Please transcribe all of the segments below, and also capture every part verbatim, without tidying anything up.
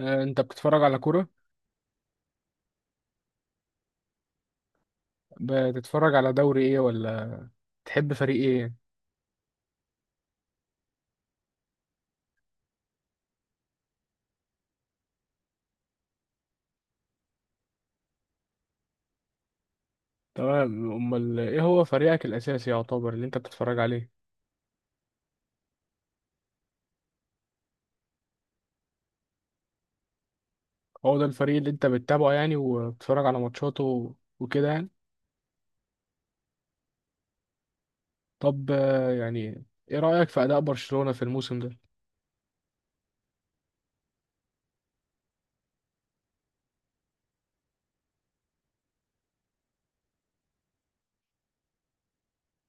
آه، انت بتتفرج على كورة؟ بتتفرج على دوري ايه ولا تحب فريق ايه؟ تمام، امال ايه هو فريقك الاساسي يعتبر اللي انت بتتفرج عليه؟ هو ده الفريق اللي انت بتتابعه يعني، وبتتفرج على ماتشاته وكده يعني؟ طب آه، يعني، ايه رأيك في اداء برشلونة في الموسم ده؟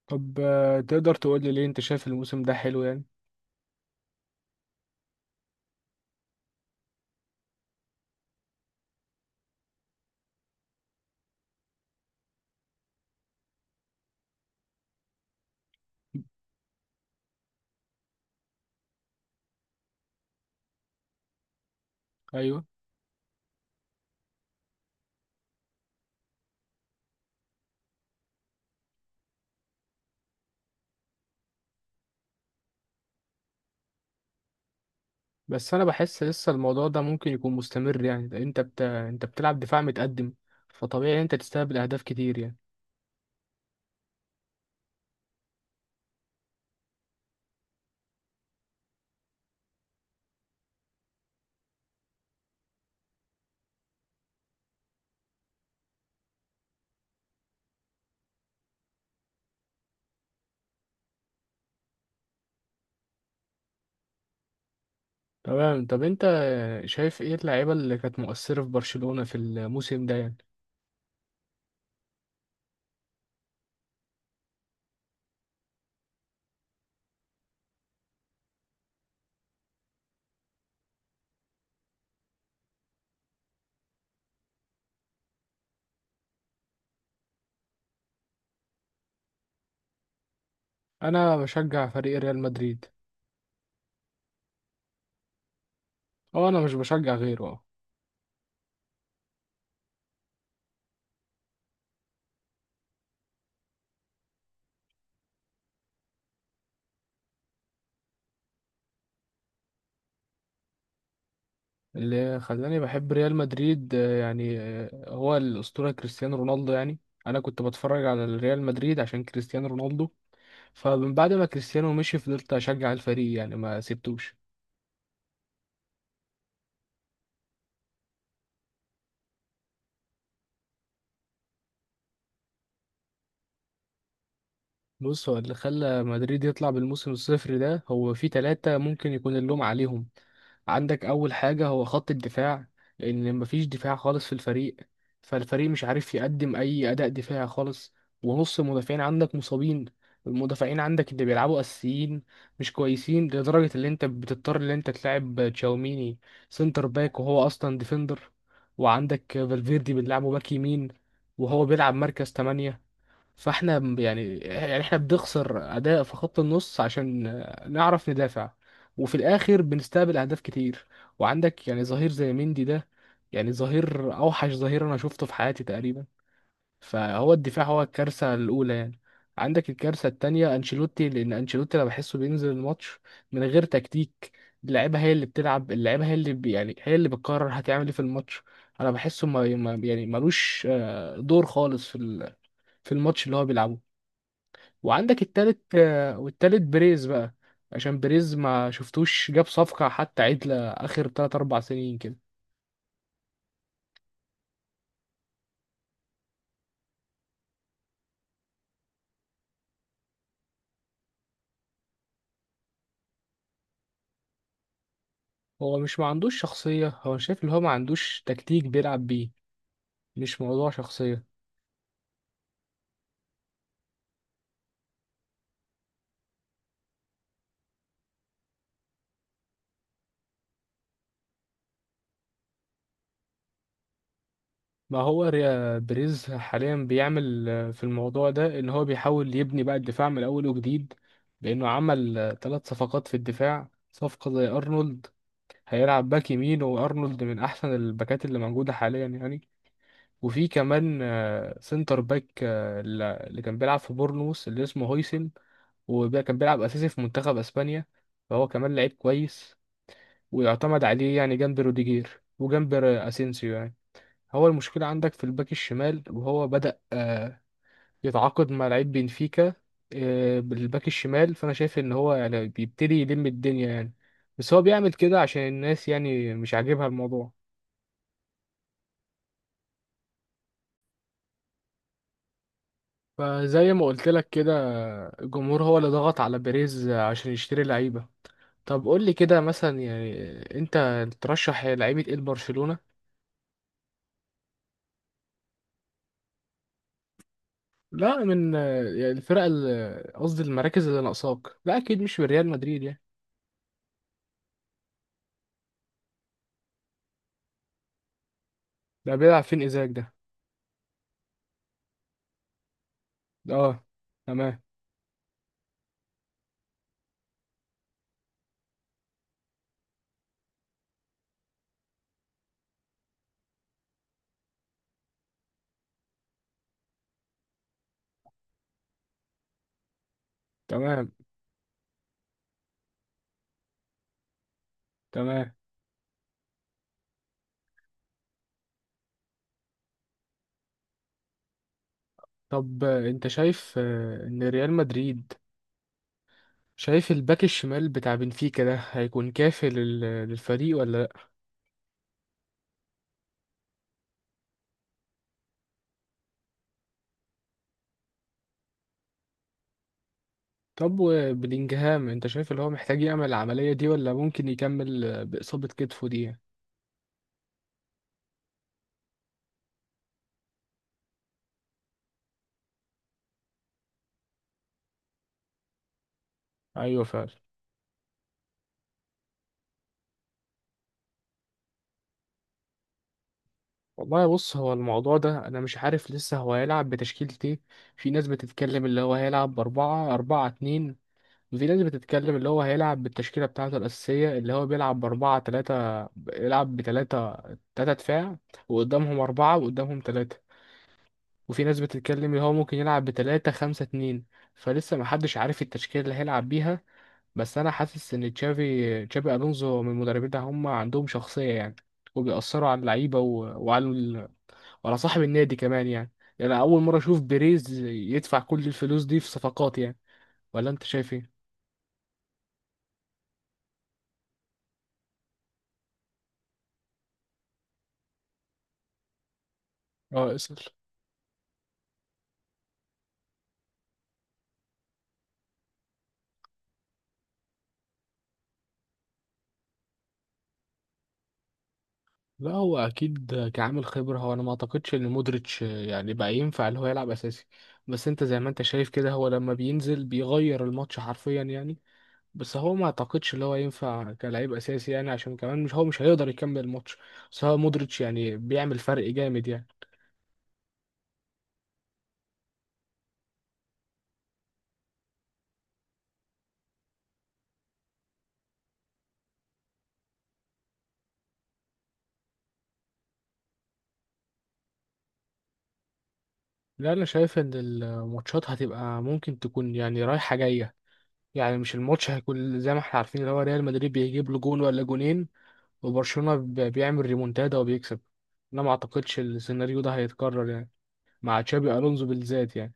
طب آه، تقدر تقول لي ليه انت شايف الموسم ده حلو يعني؟ ايوه. بس انا بحس لسه الموضوع ده ممكن يكون مستمر يعني، ده انت بت... انت بتلعب دفاع متقدم، فطبيعي انت تستقبل اهداف كتير يعني. تمام، طب انت شايف ايه اللعيبة اللي كانت مؤثرة في برشلونة في الموسم ده يعني؟ انا بشجع فريق ريال مدريد. او انا مش بشجع غيره، اه. اللي خلاني بحب ريال مدريد آه، يعني آه، هو الأسطورة كريستيانو رونالدو يعني. انا كنت بتفرج على ريال مدريد عشان كريستيانو رونالدو، فمن بعد ما كريستيانو مشي فضلت اشجع الفريق يعني، ما سبتوش. بص، هو اللي خلى مدريد يطلع بالموسم الصفر ده هو في ثلاثة ممكن يكون اللوم عليهم. عندك أول حاجة هو خط الدفاع، لأن مفيش دفاع خالص في الفريق، فالفريق مش عارف يقدم أي أداء دفاعي خالص، ونص المدافعين عندك مصابين، المدافعين عندك اللي بيلعبوا أساسيين مش كويسين لدرجة اللي أنت بتضطر اللي أنت تلعب تشاوميني سنتر باك وهو أصلا ديفندر، وعندك فالفيردي بنلعبه باك يمين وهو بيلعب مركز ثمانية. فاحنا ب- يعني يعني احنا بنخسر اداء في خط النص عشان نعرف ندافع، وفي الاخر بنستقبل اهداف كتير، وعندك يعني ظهير زي مندي ده، يعني ظهير اوحش ظهير انا شفته في حياتي تقريبا، فهو الدفاع هو الكارثه الاولى يعني. عندك الكارثه التانية انشيلوتي، لان انشيلوتي انا بحسه بينزل الماتش من غير تكتيك، اللعيبه هي اللي بتلعب، اللعيبه هي اللي بي يعني هي اللي بتقرر هتعمل ايه في الماتش. انا بحسه ما ما- يعني ملوش آه، دور خالص في ال- في الماتش اللي هو بيلعبه. وعندك التالت آه، والتالت بريز بقى، عشان بريز ما شفتوش جاب صفقة حتى عدلة آخر تلاتة اربعة سنين كده. هو مش ما عندوش شخصية، هو شايف اللي هو ما عندوش تكتيك بيلعب بيه، مش موضوع شخصية. ما هو ريا بريز حاليا بيعمل آه، في الموضوع ده ان هو بيحاول يبني بقى الدفاع من اول وجديد، لانه عمل آه، ثلاث صفقات في الدفاع، صفقة زي ارنولد هيلعب باك يمين، وارنولد من احسن الباكات اللي موجودة حاليا يعني. وفي كمان آه، سنتر باك آه، الل- اللي كان بيلعب في بورنموث اللي اسمه هويسن، وكان بيلعب أساسي في منتخب أسبانيا، فهو كمان لعيب كويس ويعتمد عليه يعني، جنب روديجير وجنب آه، أسينسيو يعني. هو المشكلة عندك في الباك الشمال، وهو بدأ آه، يتعاقد مع لعيب بنفيكا آه، بالباك الشمال، فأنا شايف إن هو يعني بيبتدي يلم الدنيا يعني. بس هو بيعمل كده عشان الناس يعني مش عاجبها الموضوع، فزي ما قلت لك كده، الجمهور هو اللي ضغط على بيريز عشان يشتري لعيبة. طب قول لي كده مثلا يعني، انت ترشح لعيبة ايه لبرشلونة؟ لا من يعني الفرق ال- قصدي المراكز اللي ناقصاك، لا اكيد مش من ريال مدريد يعني. ده بيلعب فين ايزاك ده؟ اه، تمام، تمام، تمام. طب آه، انت شايف آه، ان ريال مدريد، شايف الباك الشمال بتاع بنفيكا ده هيكون كافي لل- للفريق ولا؟ طب وبلينجهام، انت شايف اللي هو محتاج يعمل العملية دي ولا ممكن يكمل بإصابة كتفه دي؟ ايوه فعلا. والله بص، هو الموضوع ده انا مش عارف لسه هو هيلعب بتشكيلة ايه، في ناس بتتكلم اللي هو هيلعب بأربعة أربعة اتنين، وفي ناس بتتكلم اللي هو هيلعب بالتشكيلة بتاعته الأساسية اللي هو بيلعب بأربعة تلاتة بيلعب بتلاتة، تلاتة دفاع وقدامهم أربعة وقدامهم تلاتة، وفي ناس بتتكلم اللي هو ممكن يلعب بتلاتة خمسة اتنين، فلسه محدش عارف التشكيلة اللي هيلعب بيها. بس انا حاسس ان تشافي تشافي الونزو من المدربين ده هم عندهم شخصيه يعني، وبيأثروا على اللعيبه و... وعلى ال... وعلى صاحب النادي كمان يعني، يعني أنا اول مره اشوف بيريز يدفع كل الفلوس دي في صفقات يعني، ولا انت شايف ايه؟ اه، اسأل. لا، هو اكيد كعامل خبره، هو انا ما اعتقدش ان مودريتش يعني بقى ينفع اللي هو يلعب اساسي، بس انت زي ما انت شايف كده هو لما بينزل بيغير الماتش حرفيا يعني، بس هو ما اعتقدش اللي هو ينفع كلاعب اساسي يعني، عشان كمان مش هو مش هيقدر يكمل الماتش، بس هو مودريتش يعني بيعمل فرق جامد يعني. لا، انا شايف ان الماتشات هتبقى ممكن تكون يعني رايحة جاية، يعني مش الماتش هيكون زي ما احنا عارفين اللي هو ريال مدريد بيجيب له جون ولا جونين، وبرشلونة ب- بيعمل ريمونتادا وبيكسب، انا ما اعتقدش السيناريو ده هيتكرر يعني، مع تشابي الونزو بالذات يعني.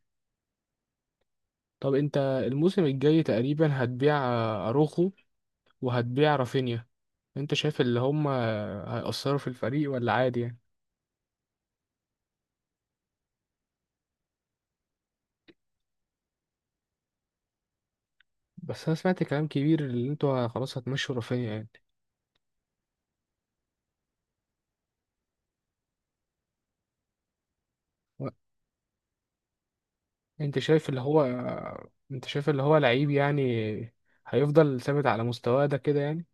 طب انت الموسم الجاي تقريبا هتبيع آه، اروخو وهتبيع رافينيا، انت شايف اللي هم هيأثروا في الفريق ولا عادي يعني؟ بس انا سمعت كلام كبير اللي انتوا خلاص هتمشوا رافينيا يعني. و- انت شايف اللي هو انت شايف اللي هو لعيب يعني، هيفضل ثابت على مستواه ده كده يعني؟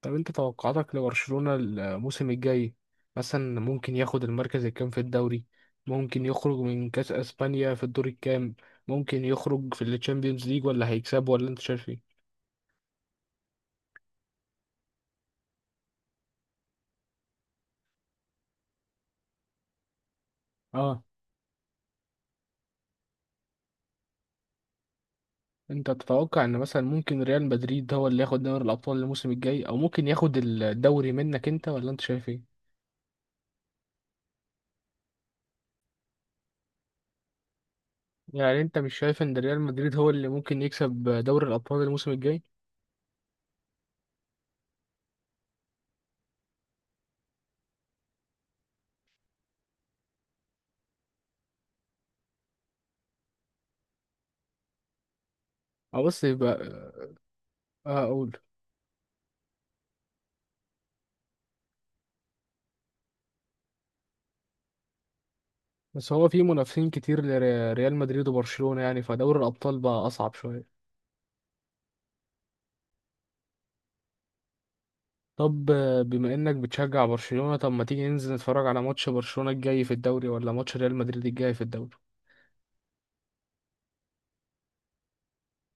طب انت توقعاتك لبرشلونة الموسم الجاي، مثلا ممكن ياخد المركز الكام في الدوري؟ ممكن يخرج من كأس اسبانيا في الدور الكام؟ ممكن يخرج في الشامبيونز ليج ولا هيكسب ولا انت شايف ايه؟ اه. انت تتوقع ان مثلا ممكن ريال مدريد هو اللي ياخد دوري الابطال الموسم الجاي، او ممكن ياخد الدوري منك انت، ولا انت شايف ايه؟ يعني انت مش شايف ان ريال مدريد هو اللي ممكن يكسب دوري الابطال الموسم الجاي؟ او بس يبقى، اه، اقول. بس هو في منافسين كتير لريال مدريد وبرشلونة يعني، فدوري الابطال بقى اصعب شوية. طب آه، بما انك بتشجع برشلونة، طب ما تيجي ننزل نتفرج على ماتش برشلونة الجاي في الدوري ولا ماتش ريال مدريد الجاي في الدوري؟